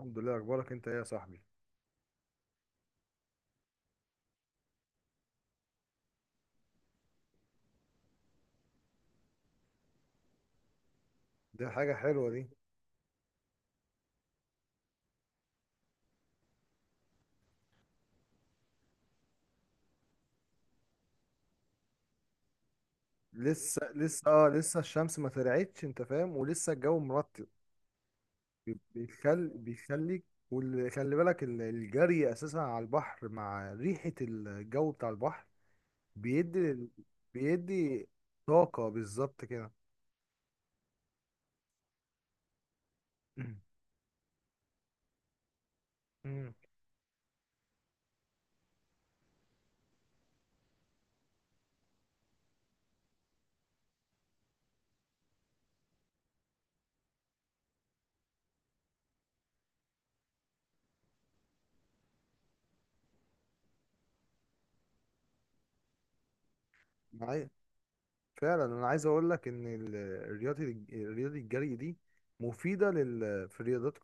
الحمد لله، اخبارك انت ايه يا صاحبي؟ دي حاجه حلوه دي. لسه لسه اه، لسه الشمس ما طلعتش، انت فاهم، ولسه الجو مرطب. بيخل بيخليك. وخلي بالك الجري اساسا على البحر مع ريحه الجو بتاع البحر بيدي بيدي طاقه بالظبط كده. معايا فعلا. انا عايز اقول لك ان الرياضه، الجري دي مفيده في الرياضات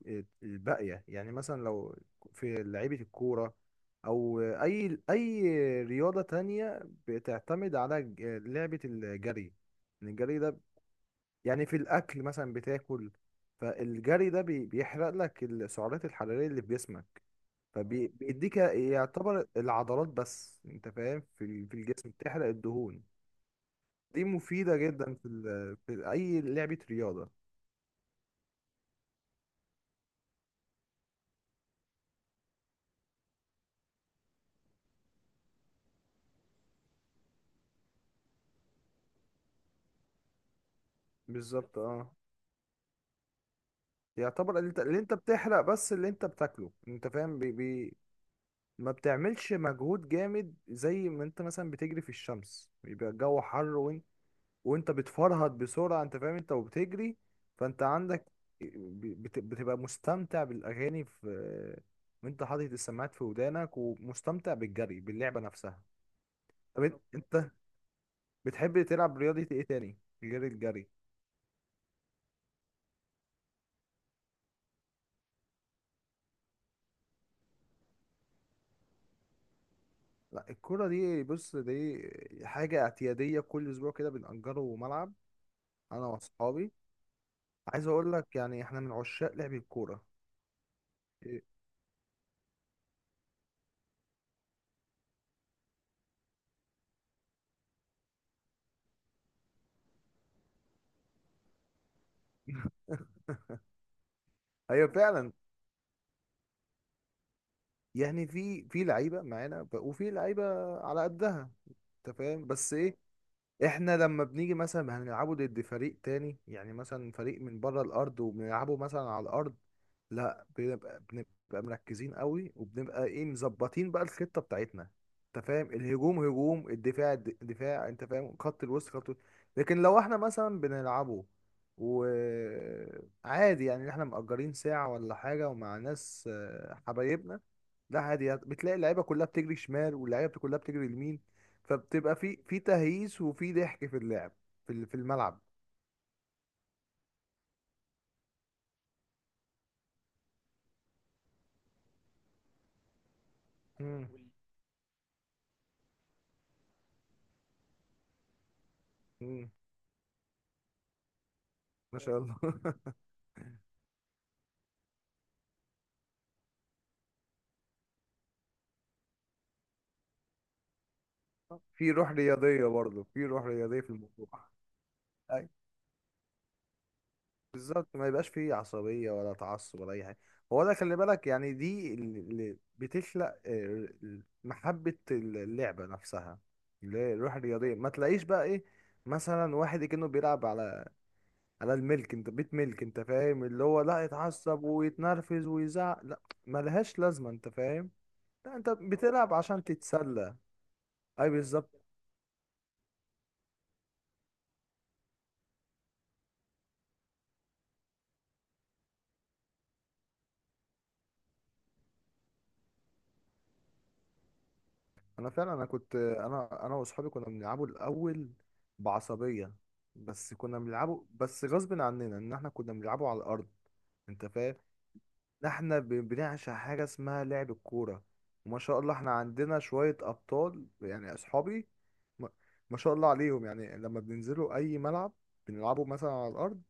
الباقيه. مثلا لو في لعيبه الكوره او اي رياضه تانية بتعتمد على لعبه الجري. إن الجري ده يعني في الاكل مثلا بتاكل، فالجري ده بيحرق لك السعرات الحراريه اللي في جسمك. فبيديك يعتبر العضلات، بس انت فاهم، في الجسم بتحرق الدهون. دي مفيدة جدا في أي لعبة رياضة بالظبط اه. يعتبر اللي انت، بتحرق بس اللي انت بتاكله، انت فاهم، ما بتعملش مجهود جامد زي ما انت مثلا بتجري في الشمس بيبقى الجو حر، وانت بتفرهد بسرعة، انت فاهم، انت وبتجري. فانت عندك بتبقى مستمتع بالأغاني، في وانت حاطط السماعات في ودانك ومستمتع بالجري باللعبة نفسها. طب انت بتحب تلعب رياضة ايه تاني غير الجري؟ لا الكرة دي، بص دي حاجة اعتيادية كل أسبوع كده بنأجره ملعب أنا وأصحابي. عايز أقول لك يعني إحنا من عشاق لعب الكورة. إيه، أيوة فعلا، يعني في لعيبة معانا وفي لعيبة على قدها، أنت فاهم، بس إيه، احنا لما بنيجي مثلا هنلعبه ضد فريق تاني، يعني مثلا فريق من بره الارض وبنلعبه مثلا على الارض، لا بنبقى مركزين قوي وبنبقى ايه، مظبطين بقى الخطه بتاعتنا، انت فاهم. الهجوم هجوم، الدفاع دفاع، انت فاهم، خط الوسط خط الوسط. لكن لو احنا مثلا بنلعبه وعادي، يعني احنا مأجرين ساعه ولا حاجه ومع ناس حبايبنا، لا عادي، يعني بتلاقي اللعيبه كلها بتجري شمال واللعيبه كلها بتجري يمين. فبتبقى في تهييس وفي ضحك في اللعب في الملعب. مم. مم. ما شاء الله. في روح رياضيه برضه، في روح رياضيه في الموضوع. أي. بالظبط، ما يبقاش فيه عصبيه ولا تعصب ولا اي حاجه. هو ده، خلي بالك، يعني دي اللي بتخلق آه، محبه اللعبه نفسها، اللي هي الروح الرياضيه. ما تلاقيش بقى ايه، مثلا واحد كأنه بيلعب على انا الملك انت بيت ملك، انت فاهم، اللي هو لا يتعصب ويتنرفز ويزعق، لا، ملهاش لازمه، انت فاهم. لا انت بتلعب عشان تتسلى. اي بالظبط. انا فعلا، انا كنت انا واصحابي كنا بنلعبه الاول بعصبيه، بس كنا بنلعبه، بس غصب عننا ان احنا كنا بنلعبه على الارض، انت فاهم. احنا بنعشق حاجة اسمها لعب الكورة، وما شاء الله احنا عندنا شوية أبطال، يعني أصحابي، ما ما شاء الله عليهم. يعني لما بننزلوا أي ملعب بنلعبه مثلا على الأرض،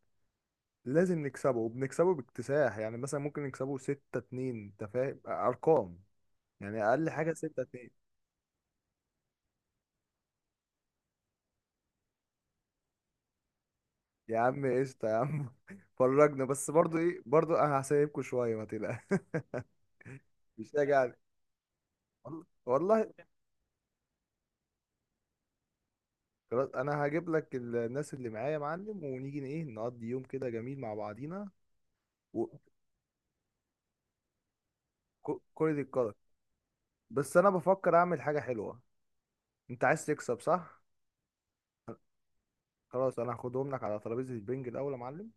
لازم نكسبه، وبنكسبه باكتساح. يعني مثلا ممكن نكسبه ستة اتنين، أنت فاهم أرقام، يعني أقل حاجة ستة اتنين. يا عم قشطة يا عم، فرجنا بس برضو إيه، برضو أنا هسيبكوا شوية، ما تقلقش. مش راجع. والله والله، خلاص انا هجيب لك الناس اللي معايا يا معلم، ونيجي ايه نقضي يوم كده جميل مع بعضينا. وكل الكرة، بس انا بفكر اعمل حاجة حلوة. انت عايز تكسب صح؟ خلاص، انا هاخدهم لك على ترابيزة البنج الاول يا معلم.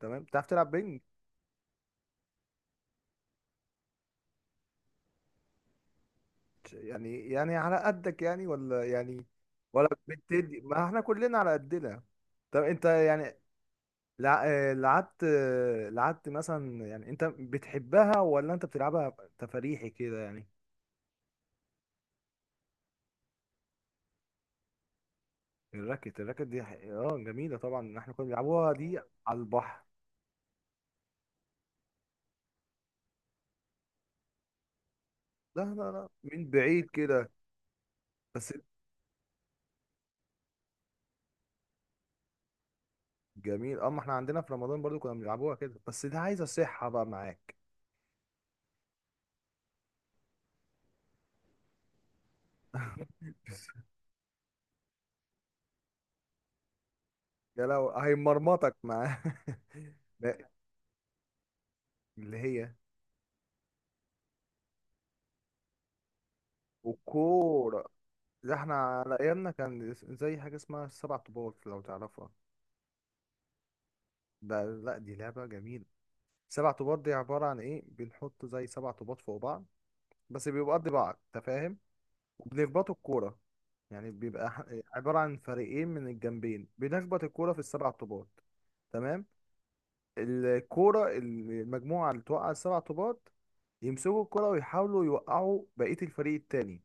تمام، بتعرف تلعب بنج؟ يعني على قدك يعني، ولا يعني، ولا بتدي، ما احنا كلنا على قدنا. طب انت يعني لعبت، آه، لعبت مثلا، يعني انت بتحبها ولا انت بتلعبها تفريحي كده يعني؟ الراكت، الراكت دي اه جميلة طبعا، احنا كنا بنلعبوها دي على البحر. لا لا لا، من بعيد كده بس. جميل اه، ما احنا عندنا في رمضان برضو كنا بنلعبوها كده، بس دي عايزة صحة بقى معاك. يا لو هيمرمطك معاه. لا، اللي هي والكورة، ده احنا على ايامنا كان زي حاجة اسمها السبع طوبات، لو تعرفها. ده لا، دي لعبة جميلة. سبع طوبات دي عبارة عن ايه، بنحط زي سبع طوبات فوق بعض، بس بيبقوا قد بعض، انت فاهم، وبنخبطوا الكورة. يعني بيبقى عبارة عن فريقين من الجنبين، بنخبط الكورة في السبع طوبات. تمام، الكورة المجموعة اللي توقع السبع طوبات يمسكوا الكرة ويحاولوا يوقعوا بقية الفريق التاني،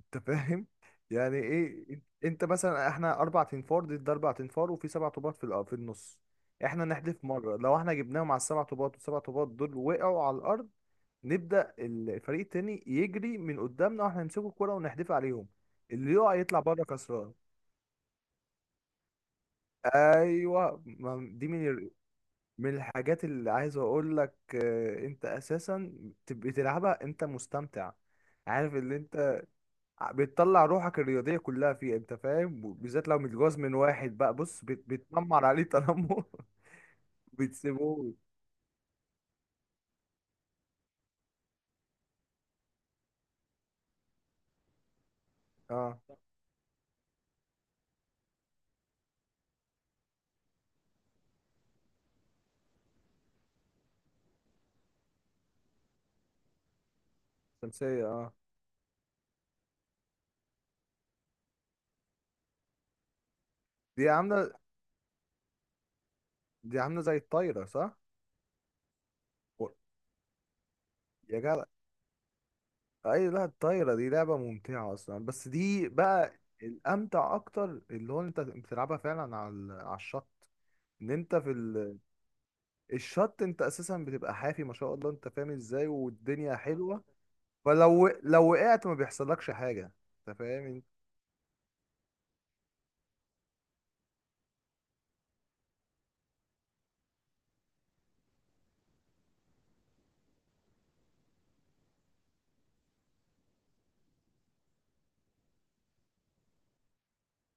انت فاهم. يعني ايه، انت مثلا، احنا اربع تنفار ضد اربع تنفار، وفي سبع طوبات في في النص. احنا نحدف مرة، لو احنا جبناهم على السبع طوبات والسبع طوبات دول وقعوا على الارض، نبدأ الفريق التاني يجري من قدامنا واحنا نمسكه الكرة ونحدفها عليهم، اللي يقع يطلع بره كسران. ايوه، دي من من الحاجات اللي عايز اقول لك آه، انت اساسا تبقى تلعبها انت مستمتع، عارف، اللي انت بتطلع روحك الرياضية كلها فيها، انت فاهم، بالذات لو متجوز من واحد بقى بص بتنمر عليه تنمر. بتسيبوه اه، شمسية اه. دي عاملة، دي عاملة زي الطايرة صح؟ و- يا جدع، اي لا، الطايره دي لعبه ممتعه اصلا، بس دي بقى الامتع اكتر، اللي هو انت بتلعبها فعلا على على الشط. ان انت في الشط انت اساسا بتبقى حافي، ما شاء الله انت فاهم ازاي، والدنيا حلوه. فلو وقعت ما بيحصلكش حاجه، انت فاهم.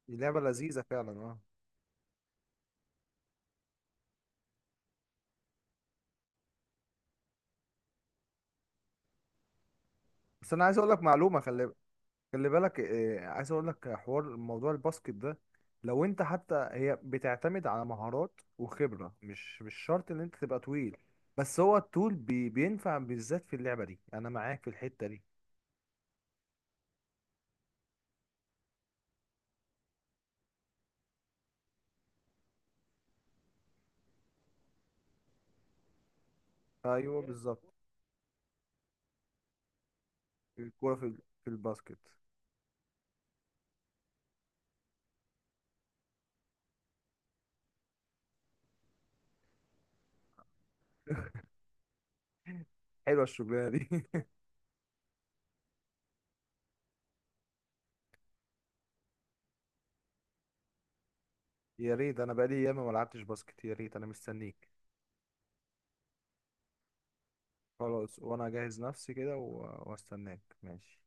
دي لعبه لذيذه فعلا اه. بس انا عايز اقول لك معلومه، خلي بالك آه، عايز اقول لك حوار موضوع الباسكت ده. لو انت حتى، هي بتعتمد على مهارات وخبرة، مش شرط ان انت تبقى طويل، بس هو الطول بي بينفع بالذات في اللعبة دي، انا معاك في الحتة دي. ايوه بالظبط، الكورة في في الباسكت. حلوة الشغلانة دي. يا ريت، انا بقالي ياما ما لعبتش باسكت، يا ريت، انا مستنيك. خلاص، وانا اجهز نفسي كده واستناك، ماشي.